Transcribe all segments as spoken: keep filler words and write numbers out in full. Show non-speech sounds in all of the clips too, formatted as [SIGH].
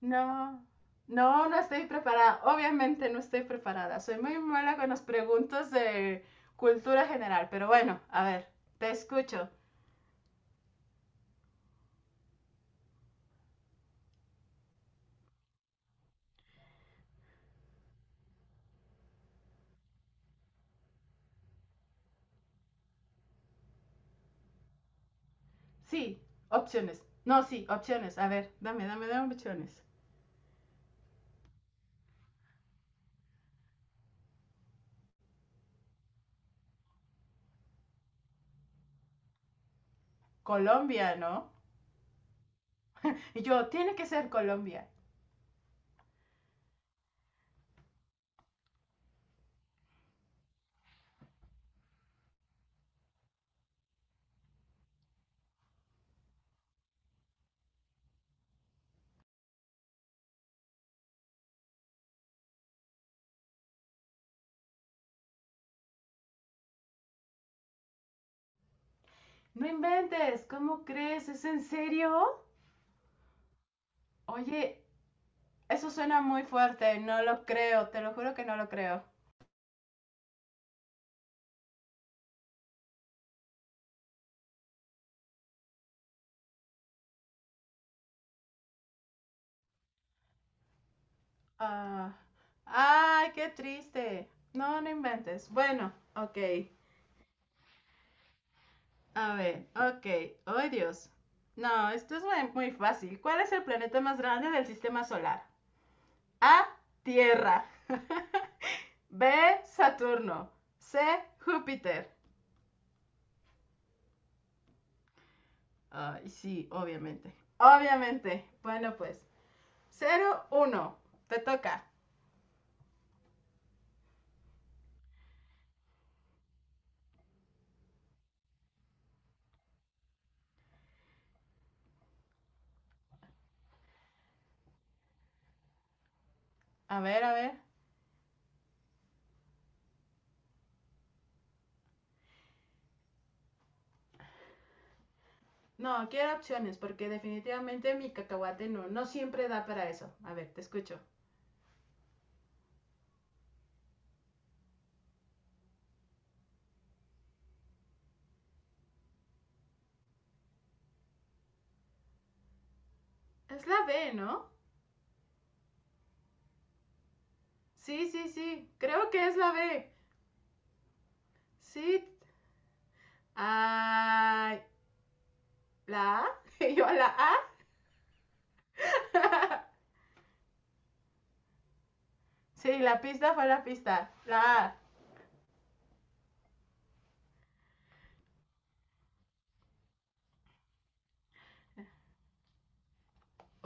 No, no, no estoy preparada. Obviamente no estoy preparada. Soy muy mala con las preguntas de cultura general, pero bueno, a ver, te escucho. Sí, opciones. No, sí, opciones. A ver, dame, dame, dame opciones. Colombia, ¿no? Y yo, tiene que ser Colombia. No inventes, ¿cómo crees? ¿Es en serio? Oye, eso suena muy fuerte, no lo creo, te lo juro que no lo creo. Ah, ay, qué triste. No, no inventes. Bueno, ok. A ver, ok. ¡Ay, Dios! No, esto es muy, muy fácil. ¿Cuál es el planeta más grande del sistema solar? A, Tierra. [LAUGHS] B, Saturno. C, Júpiter. Ay, sí, obviamente. Obviamente. Bueno, pues. Cero, uno. Te toca. A ver, a ver. No, quiero opciones porque definitivamente mi cacahuate no, no siempre da para eso. A ver, te escucho. Es la B, ¿no? Sí, sí, sí. Creo que es la B. Sí. Ay, ¿la A? [LAUGHS] Yo a la A. [LAUGHS] Sí, la pista fue la pista. La A.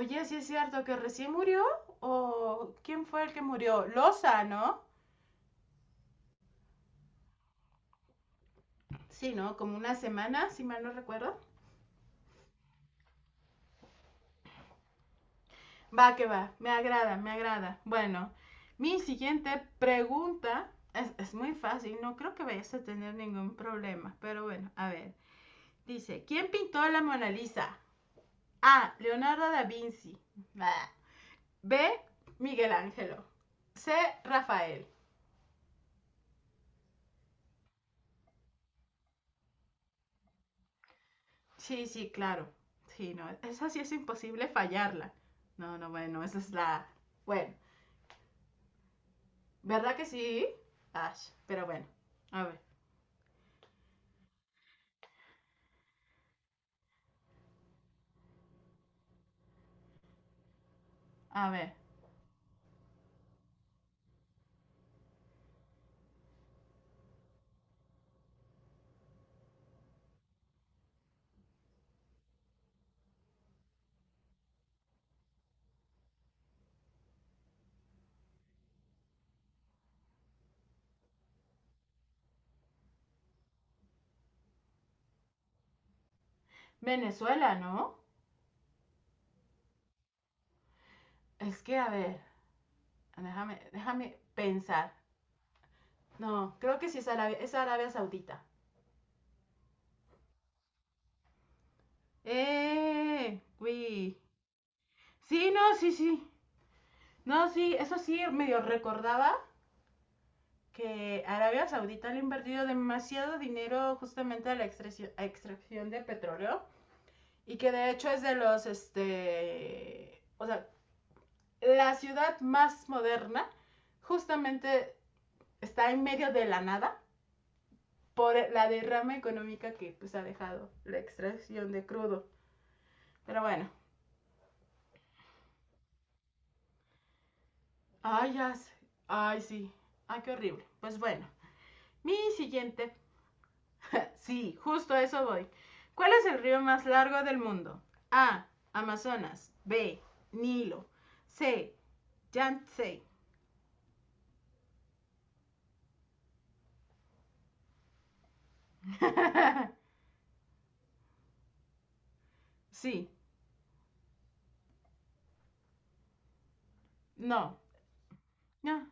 Oye, sí es cierto que recién murió. ¿O quién fue el que murió? Loza, ¿no? Sí, ¿no? Como una semana, si mal no recuerdo. Va, que va. Me agrada, me agrada. Bueno, mi siguiente pregunta es, es muy fácil. No creo que vayas a tener ningún problema. Pero bueno, a ver. Dice, ¿quién pintó la Mona Lisa? A, Leonardo da Vinci. B, Miguel Ángelo. C, Rafael. Sí, sí, claro. Sí, no, esa sí es imposible fallarla. No, no, bueno, esa es la... Bueno, ¿verdad que sí? Ash, pero bueno. A ver, a ver. Venezuela, ¿no? Es que, a ver, déjame, déjame pensar. No, creo que sí es Arabia, es Arabia Saudita. ¡Eh! Uy. Sí, no, sí, sí. No, sí, eso sí, medio recordaba que Arabia Saudita le ha invertido demasiado dinero justamente a la extracción, a extracción de petróleo y que de hecho es de los, este, o sea, la ciudad más moderna justamente está en medio de la nada por la derrama económica que pues ha dejado la extracción de crudo. Pero bueno, ay, ya sé, ay, sí, ay, qué horrible. Pues bueno, mi siguiente [LAUGHS] sí, justo a eso voy. ¿Cuál es el río más largo del mundo? A, Amazonas. B, Nilo. C, Yangtze. [LAUGHS] Sí. No. No.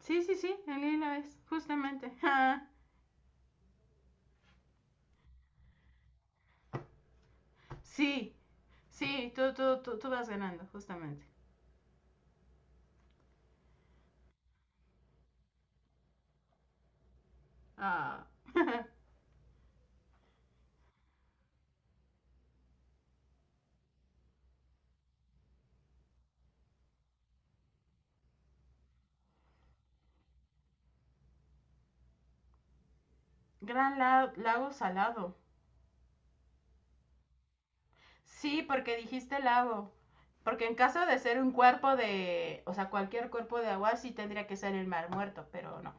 Sí, sí, sí. El Nilo es. Justamente. [LAUGHS] Ah, sí. Sí, tú, tú, tú, tú vas ganando, justamente. Ah. [LAUGHS] Gran la- lago salado. Sí, porque dijiste lago. Porque en caso de ser un cuerpo de, o sea, cualquier cuerpo de agua sí tendría que ser el mar muerto, pero no.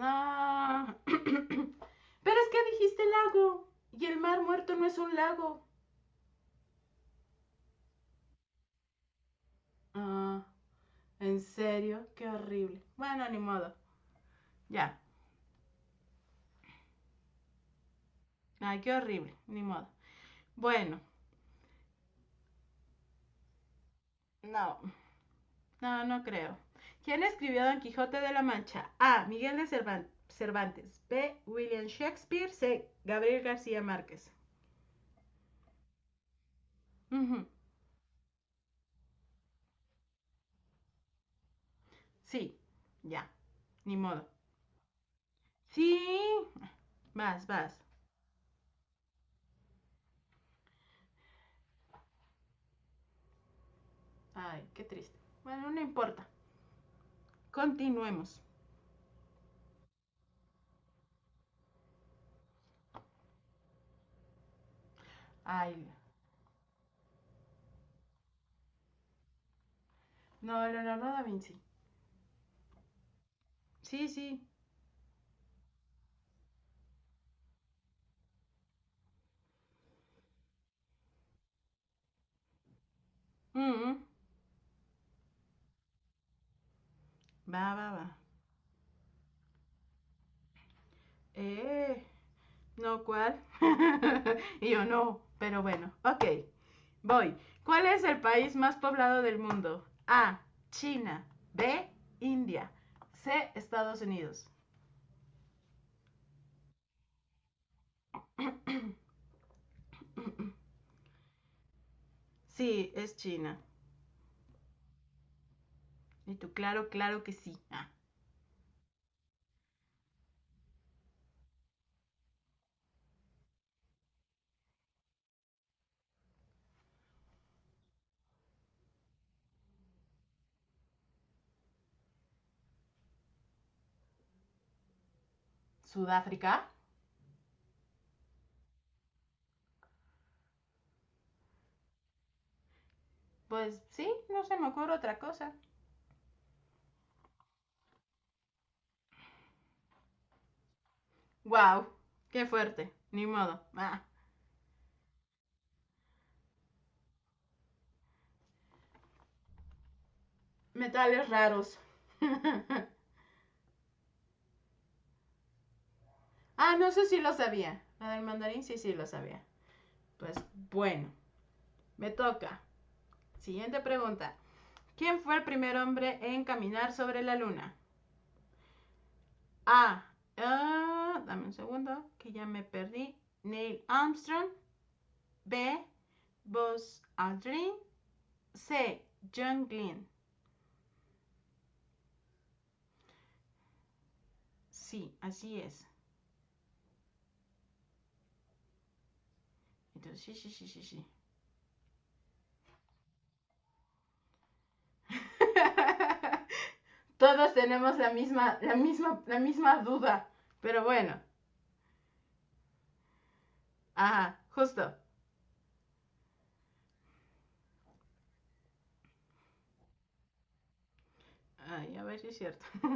Ah. [CLEARS THROAT] [COUGHS] Pero es que dijiste lago. Y el mar muerto no es un lago. Ah, en serio, qué horrible. Bueno, ni modo. Ya. Ay, qué horrible, ni modo. Bueno, no, no, no creo. ¿Quién escribió Don Quijote de la Mancha? A, Miguel de Cervantes. B, William Shakespeare. C, Gabriel García Márquez. Ujú, sí, ya. Ni modo. Sí. Vas, vas. Ay, qué triste. Bueno, no importa. Continuemos. Ay, no, Leonardo da Vinci. Sí, sí. Mm, -mm. Va, va, va. Eh, No, ¿cuál? [LAUGHS] Y yo no, pero bueno, ok, voy. ¿Cuál es el país más poblado del mundo? A, China. B, India. C, Estados Unidos. [CLEARS THROAT] [COUGHS] Sí, es China. Y tú, claro, claro que sí. Ah, Sudáfrica. Pues sí, no se me ocurre otra cosa. Wow, qué fuerte, ni modo. Ah, metales raros. [LAUGHS] Ah, no sé si lo sabía. La del mandarín sí, sí lo sabía. Pues bueno, me toca. Siguiente pregunta. ¿Quién fue el primer hombre en caminar sobre la luna? A. Ah, dame un segundo, que ya me perdí. Neil Armstrong. B, Buzz Aldrin. C, John Glenn. Sí, así es. Entonces, sí, sí, sí, sí, sí. [LAUGHS] Todos tenemos la misma, la misma, la misma duda. Pero bueno, ajá, justo. Ay, a ver si es cierto. [LAUGHS]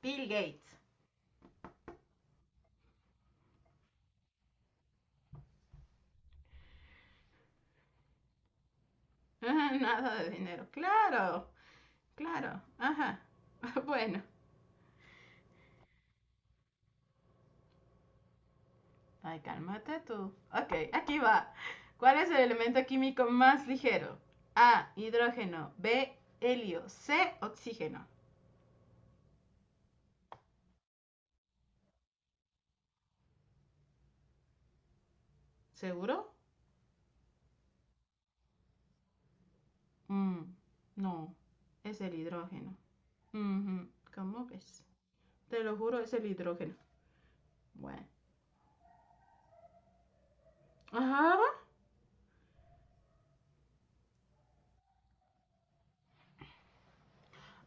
Bill Gates. Ah, nada de dinero. Claro, claro. Ajá. [LAUGHS] Bueno. Ay, cálmate tú. Ok, aquí va. ¿Cuál es el elemento químico más ligero? A, hidrógeno. B, helio. C, oxígeno. ¿Seguro? Mm, no, es el hidrógeno. Ujú, ¿cómo ves? Te lo juro, es el hidrógeno. Bueno. Ajá.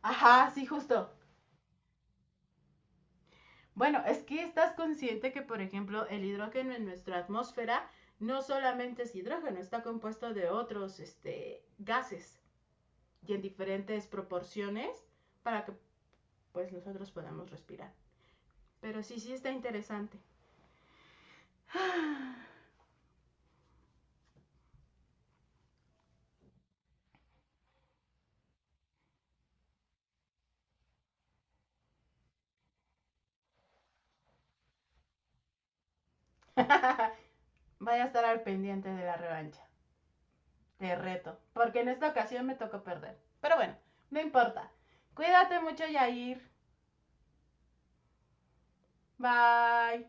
Ajá, sí, justo. Bueno, es que estás consciente que, por ejemplo, el hidrógeno en nuestra atmósfera no solamente es hidrógeno, está compuesto de otros este, gases y en diferentes proporciones para que pues nosotros podamos respirar. Pero sí, sí está interesante. [GASPS] [LAUGHS] Vaya a estar al pendiente de la revancha. Te reto, porque en esta ocasión me tocó perder. Pero bueno, no importa. Cuídate mucho, Yair. Bye.